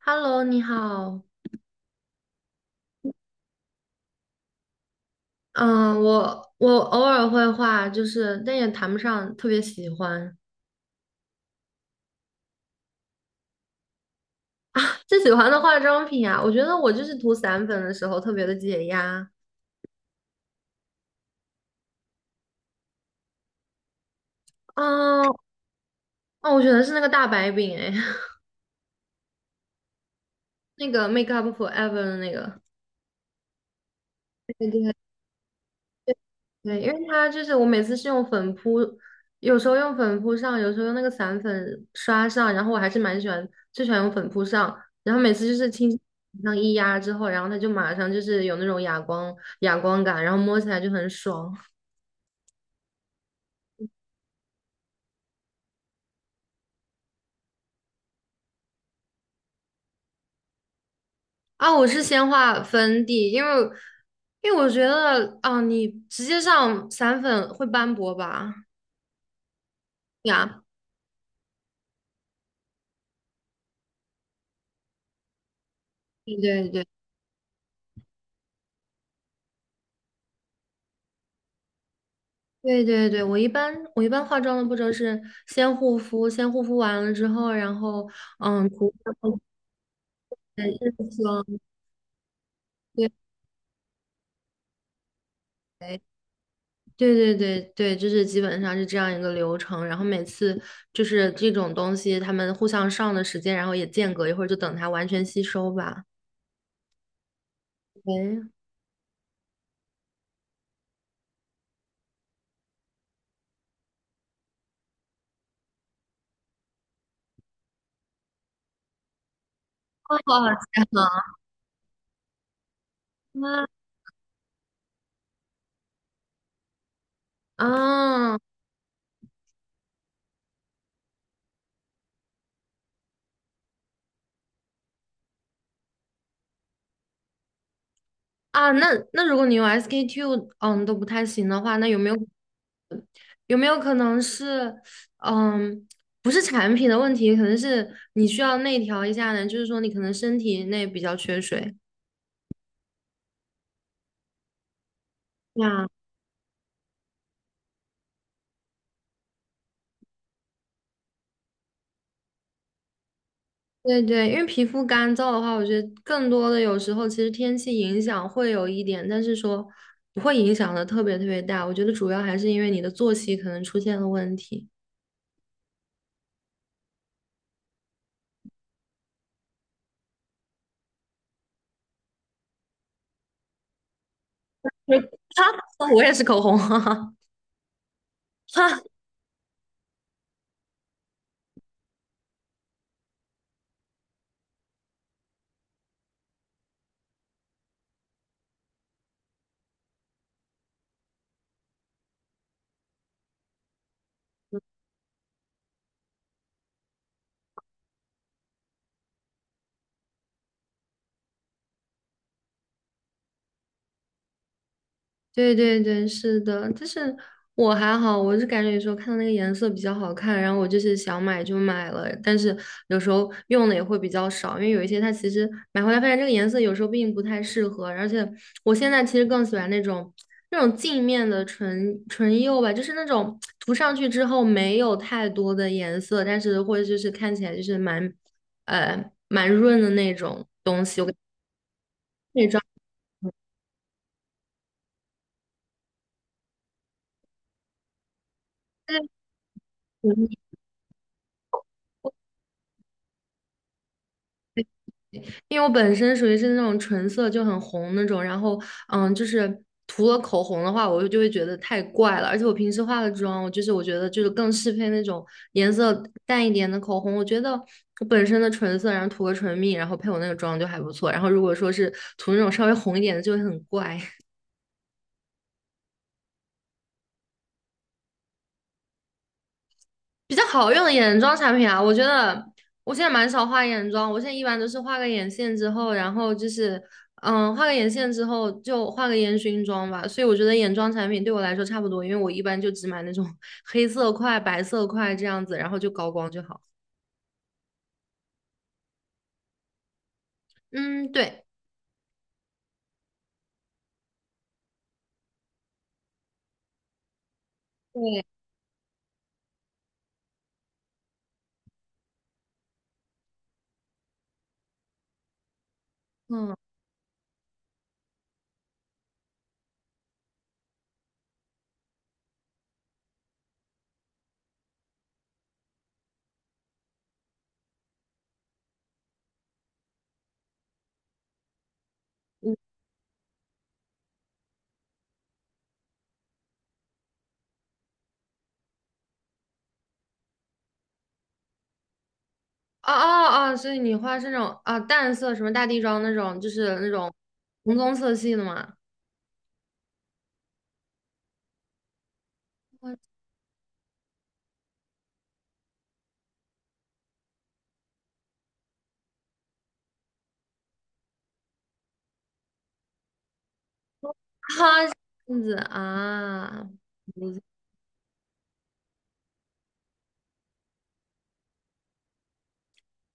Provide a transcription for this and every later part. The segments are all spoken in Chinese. Hello，你好。嗯，我偶尔会画，就是但也谈不上特别喜欢。最喜欢的化妆品啊，我觉得我就是涂散粉的时候特别的解压。嗯，哦，我选的是那个大白饼，哎，那个 Make Up Forever 的那个。对对，对，因为它就是我每次是用粉扑，有时候用粉扑上，有时候用那个散粉刷上，然后我还是蛮喜欢，最喜欢用粉扑上，然后每次就是轻轻上一压之后，然后它就马上就是有那种哑光感，然后摸起来就很爽啊！我是先画粉底，因为我觉得啊，你直接上散粉会斑驳吧？呀，对对对。对对对，我一般化妆的步骤是先护肤完了之后，然后涂上后面的日霜，对对对对对，就是基本上是这样一个流程。然后每次就是这种东西，他们互相上的时间，然后也间隔一会儿，就等它完全吸收吧。喂，哇，好好吃啊！啊啊，那如果你用 SK-II 都不太行的话，那有没有？有没有可能是，嗯，不是产品的问题，可能是你需要内调一下呢？就是说你可能身体内比较缺水呀。对对，因为皮肤干燥的话，我觉得更多的有时候其实天气影响会有一点，但是说不会影响的特别特别大。我觉得主要还是因为你的作息可能出现了问题。哈，我也是口红，哈哈，对对对，是的，但是我还好，我是感觉有时候看到那个颜色比较好看，然后我就是想买就买了，但是有时候用的也会比较少，因为有一些它其实买回来发现这个颜色有时候并不太适合，而且我现在其实更喜欢那种镜面的唇釉吧，就是那种涂上去之后没有太多的颜色，但是或者就是看起来就是蛮润的那种。因为我本身属于是那种唇色就很红那种，然后就是涂了口红的话，我就会觉得太怪了。而且我平时化的妆，我觉得就是更适配那种颜色淡一点的口红。我觉得我本身的唇色，然后涂个唇蜜，然后配我那个妆就还不错。然后如果说是涂那种稍微红一点的，就会很怪。比较好用的眼妆产品啊，我觉得我现在蛮少画眼妆，我现在一般都是画个眼线之后就画个烟熏妆吧。所以我觉得眼妆产品对我来说差不多，因为我一般就只买那种 黑色块、白色块这样子，然后就高光就好。嗯，对对，嗯，哦哦哦，所以你画是那种啊淡色什么大地妆那种，就是那种红棕色系的嘛？我这样子啊。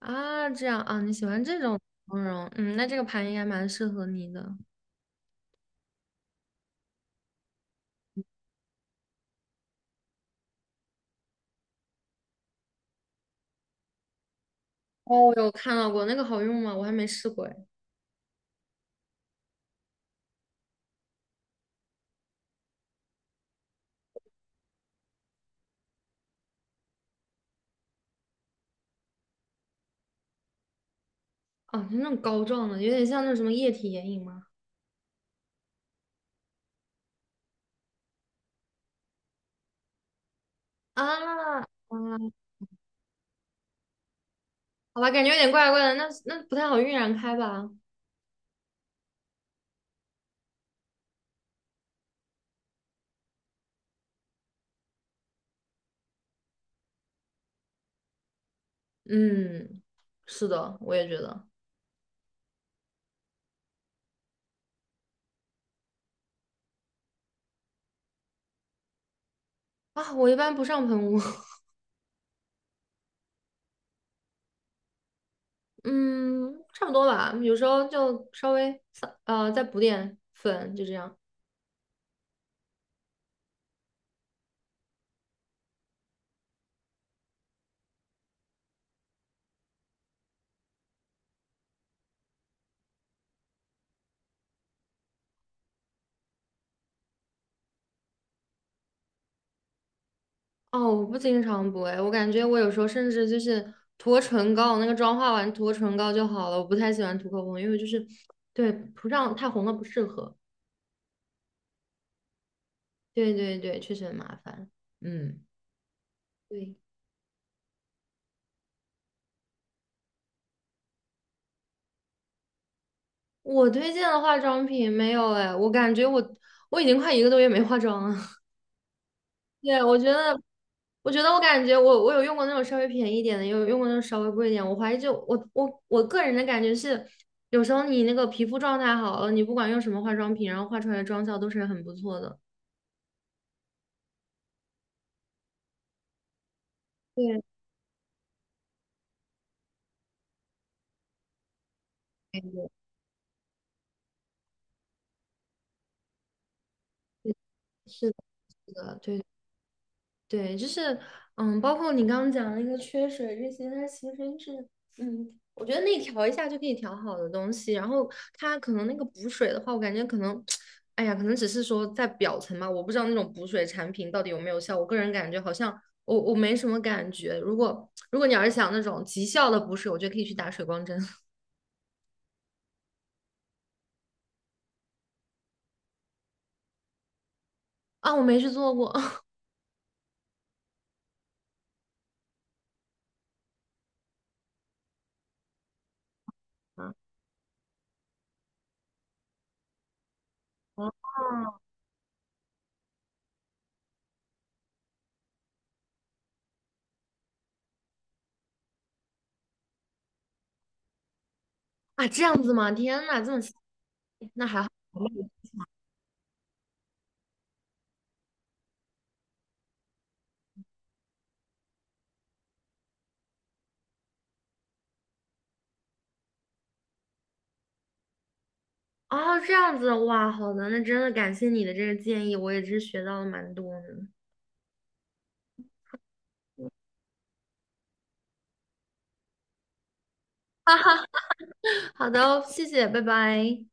啊，这样啊，你喜欢这种妆容，嗯，那这个盘应该蛮适合你的。哦，我有看到过，那个好用吗？我还没试过哎。哦，就那种膏状的，有点像那种什么液体眼影吗？啊啊，好吧，感觉有点怪怪的，那不太好晕染开吧？嗯，是的，我也觉得啊，我一般不上喷雾，嗯，差不多吧，有时候就稍微再补点粉，就这样。哦，我不经常补哎，我感觉我有时候甚至就是涂唇膏，那个妆化完涂个唇膏就好了。我不太喜欢涂口红，因为就是对涂上太红了不适合。对对对，确实很麻烦。嗯，对，我推荐的化妆品没有哎，我感觉我已经快一个多月没化妆了。对，我觉得，我感觉我有用过那种稍微便宜一点的，也有用过那种稍微贵一点。我怀疑就我个人的感觉是，有时候你那个皮肤状态好了，你不管用什么化妆品，然后画出来的妆效都是很不错的。对，对，对是的，是的，对。对，就是，包括你刚刚讲的那个缺水这些，它其实是，我觉得内调一下就可以调好的东西。然后它可能那个补水的话，我感觉可能，哎呀，可能只是说在表层吧，我不知道那种补水产品到底有没有效。我个人感觉好像我没什么感觉。如果你要是想那种极效的补水，我觉得可以去打水光针 啊，我没去做过 啊啊，这样子吗？天呐，这么细，那还好。哦，这样子，哇，好的，那真的感谢你的这个建议，我也是学到了蛮多呢。好的哦，谢谢，拜拜。